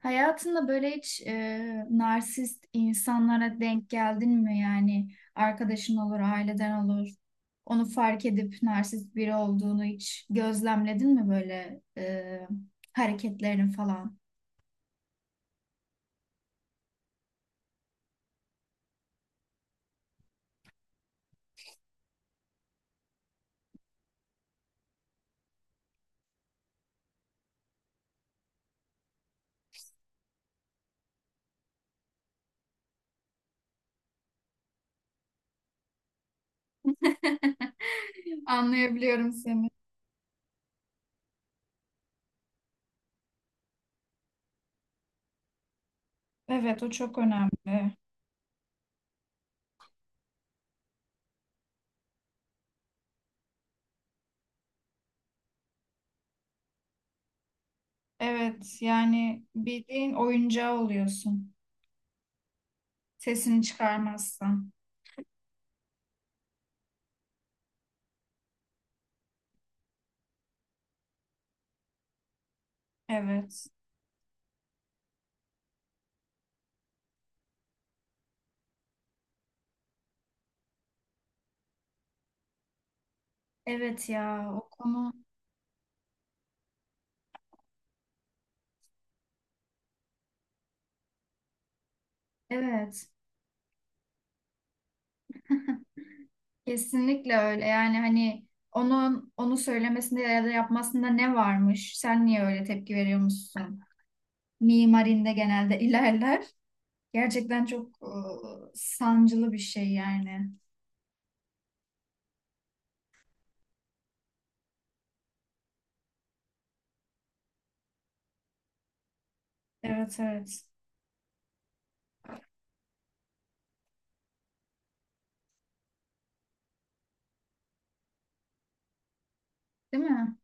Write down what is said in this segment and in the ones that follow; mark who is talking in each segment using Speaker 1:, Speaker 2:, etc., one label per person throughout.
Speaker 1: Hayatında böyle hiç narsist insanlara denk geldin mi? Yani arkadaşın olur, aileden olur. Onu fark edip narsist biri olduğunu hiç gözlemledin mi böyle hareketlerin falan? Anlayabiliyorum seni. Evet, o çok önemli. Evet, yani bildiğin oyuncağı oluyorsun. Sesini çıkarmazsan. Evet. Evet ya o konu evet. Kesinlikle öyle. Yani hani onun söylemesinde ya da yapmasında ne varmış? Sen niye öyle tepki veriyormuşsun? Mimarinde genelde ilerler. Gerçekten çok sancılı bir şey yani. Evet, evet. Değil mi?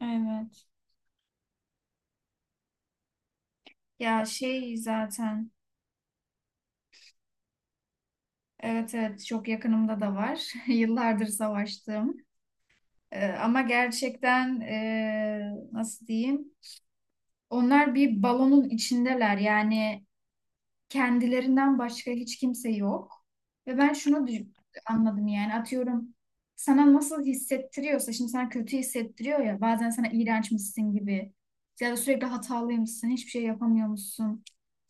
Speaker 1: Evet. Ya şey zaten evet, evet, çok yakınımda da var. Yıllardır savaştığım. Ama gerçekten nasıl diyeyim? Onlar bir balonun içindeler. Yani kendilerinden başka hiç kimse yok. Ve ben anladım yani atıyorum, sana nasıl hissettiriyorsa şimdi sana kötü hissettiriyor ya, bazen sana iğrençmişsin gibi ya da sürekli hatalıymışsın, hiçbir şey yapamıyormuşsun.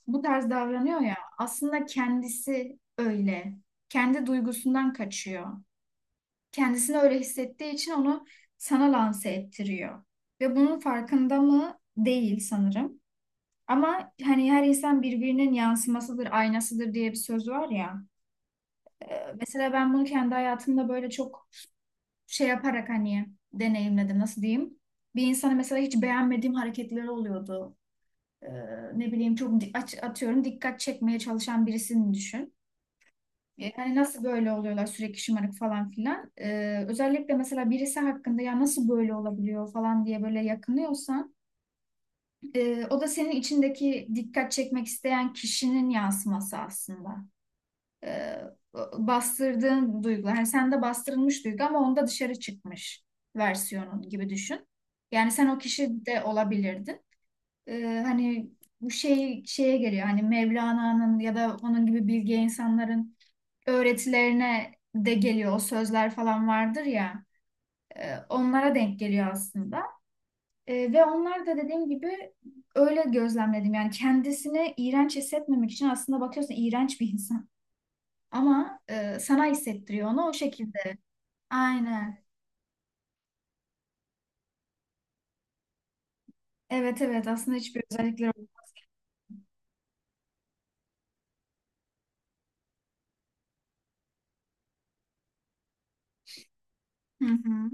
Speaker 1: Bu tarz davranıyor ya, aslında kendisi öyle. Kendi duygusundan kaçıyor. Kendisini öyle hissettiği için onu sana lanse ettiriyor. Ve bunun farkında mı değil sanırım. Ama hani her insan birbirinin yansımasıdır, aynasıdır diye bir söz var ya. Mesela ben bunu kendi hayatımda böyle çok şey yaparak hani deneyimledim, nasıl diyeyim. Bir insanı mesela hiç beğenmediğim hareketleri oluyordu. Ee, Ne bileyim çok atıyorum, dikkat çekmeye çalışan birisini düşün. Hani nasıl böyle oluyorlar sürekli, şımarık falan filan. Özellikle mesela birisi hakkında ya nasıl böyle olabiliyor falan diye böyle yakınıyorsan o da senin içindeki dikkat çekmek isteyen kişinin yansıması aslında. e, Bastırdığın duygu. Hani sende bastırılmış duygu ama onda dışarı çıkmış versiyonu gibi düşün. Yani sen o kişi de olabilirdin. Hani bu şey şeye geliyor. Hani Mevlana'nın ya da onun gibi bilge insanların öğretilerine de geliyor. O sözler falan vardır ya. Onlara denk geliyor aslında. Ve onlar da dediğim gibi öyle gözlemledim. Yani kendisini iğrenç hissetmemek için aslında bakıyorsun iğrenç bir insan. Ama sana hissettiriyor onu o şekilde. Aynen. Evet, evet, aslında hiçbir özellikleri yok. Hı hı.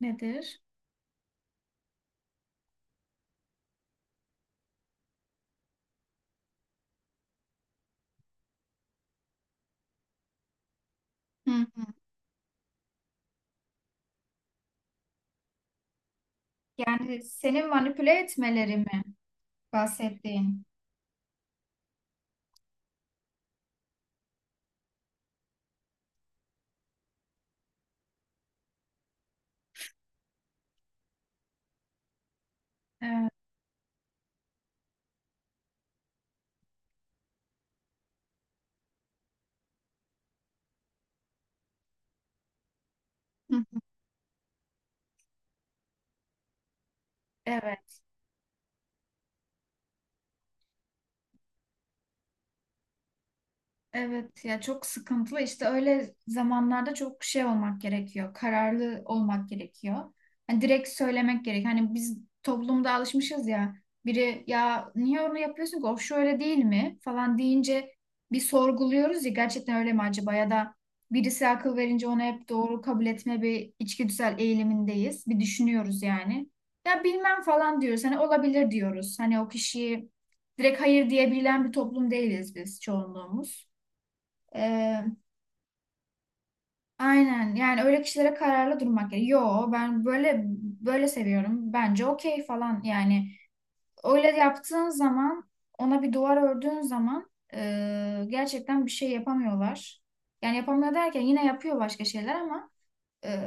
Speaker 1: Nedir? Hı hı. Yani seni manipüle etmeleri mi bahsettiğin? Evet. Hı hı. Evet. Evet ya, çok sıkıntılı işte öyle zamanlarda, çok şey olmak gerekiyor. Kararlı olmak gerekiyor. Hani direkt söylemek gerek. Hani biz toplumda alışmışız ya. Biri ya niye onu yapıyorsun ki? O şöyle değil mi? Falan deyince bir sorguluyoruz ya gerçekten öyle mi acaba, ya da birisi akıl verince onu hep doğru kabul etme bir içgüdüsel eğilimindeyiz. Bir düşünüyoruz yani. Ya bilmem falan diyoruz. Hani olabilir diyoruz. Hani o kişiyi direkt hayır diyebilen bir toplum değiliz biz, çoğunluğumuz. Ee, aynen yani, öyle kişilere kararlı durmak gerekiyor. Yo ben böyle böyle seviyorum. Bence okey falan yani. Öyle yaptığın zaman, ona bir duvar ördüğün zaman gerçekten bir şey yapamıyorlar. Yani yapamıyor derken yine yapıyor başka şeyler ama e,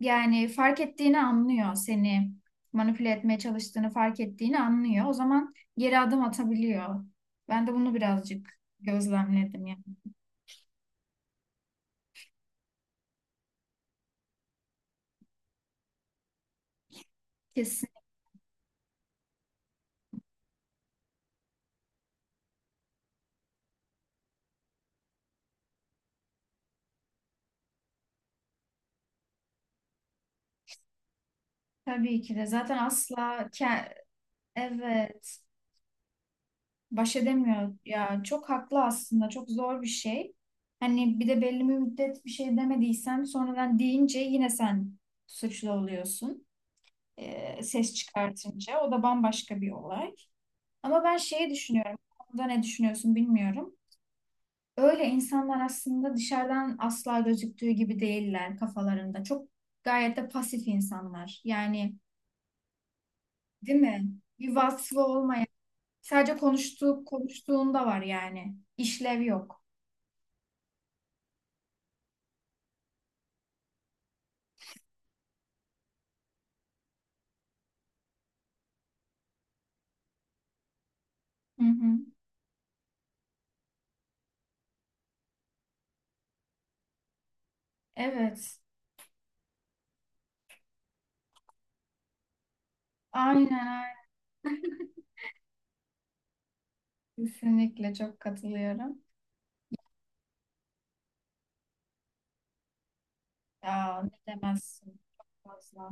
Speaker 1: yani fark ettiğini anlıyor, seni manipüle etmeye çalıştığını fark ettiğini anlıyor. O zaman geri adım atabiliyor. Ben de bunu birazcık gözlemledim yani. Kesin. Tabii ki de zaten evet, baş edemiyor ya, çok haklı, aslında çok zor bir şey. Hani bir de belli bir müddet bir şey demediysen, sonradan deyince yine sen suçlu oluyorsun. Ses çıkartınca o da bambaşka bir olay. Ama ben şeyi düşünüyorum. Bu konuda ne düşünüyorsun bilmiyorum. Öyle insanlar aslında dışarıdan asla gözüktüğü gibi değiller kafalarında. Çok gayet de pasif insanlar. Yani değil mi? Bir vasfı olmayan. Sadece konuştuğu, konuştuğunda var yani. İşlev yok. Hı hı. Evet. Aynen, aynen. Kesinlikle çok katılıyorum. Ya ne demezsin, çok fazla.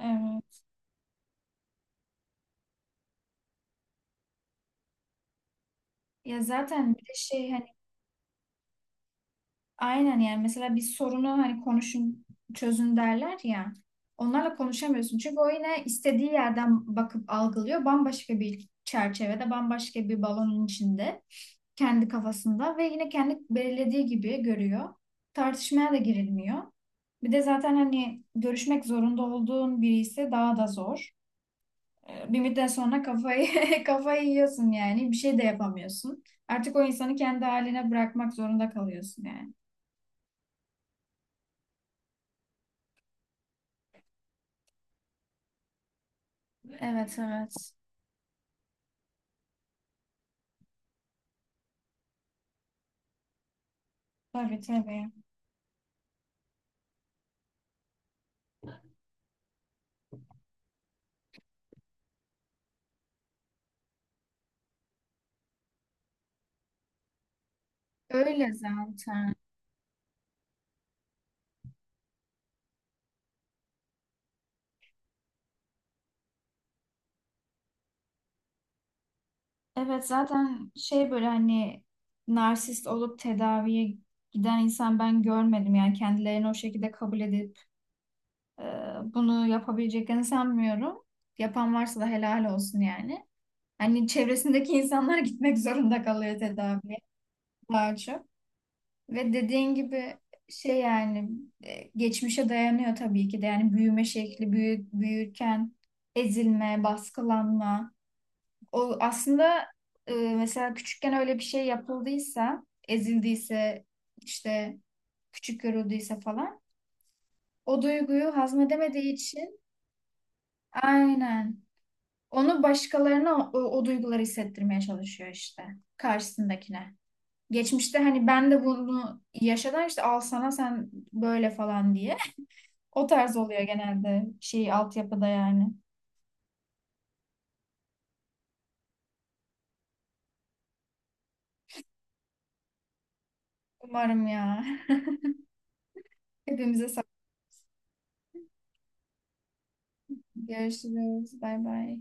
Speaker 1: Evet. Ya zaten bir de şey hani, aynen yani, mesela bir sorunu hani konuşun çözün derler ya. Onlarla konuşamıyorsun. Çünkü o yine istediği yerden bakıp algılıyor. Bambaşka bir çerçevede, bambaşka bir balonun içinde, kendi kafasında ve yine kendi belirlediği gibi görüyor. Tartışmaya da girilmiyor. Bir de zaten hani görüşmek zorunda olduğun biri ise daha da zor. Bir müddet sonra kafayı yiyorsun yani. Bir şey de yapamıyorsun. Artık o insanı kendi haline bırakmak zorunda kalıyorsun yani. Evet, evet. Tabii, tabii. Öyle zaten. Evet, zaten şey böyle hani narsist olup tedaviye giden insan ben görmedim yani, kendilerini o şekilde kabul edip Ee, bunu yapabileceklerini sanmıyorum. Yapan varsa da helal olsun yani. Hani çevresindeki insanlar gitmek zorunda kalıyor tedaviye daha çok. Ve dediğin gibi şey yani, geçmişe dayanıyor tabii ki de, yani büyüme şekli, büyürken ezilme, baskılanma. O aslında, mesela küçükken öyle bir şey yapıldıysa, ezildiyse, işte küçük görüldüyse falan, o duyguyu hazmedemediği için, aynen. Onu başkalarına o duyguları hissettirmeye çalışıyor işte karşısındakine. Geçmişte hani ben de bunu yaşadım işte, al sana sen böyle falan diye. O tarz oluyor genelde, şey altyapıda yani. Umarım ya. Hepimize sağlık. Görüşürüz. Bay bay.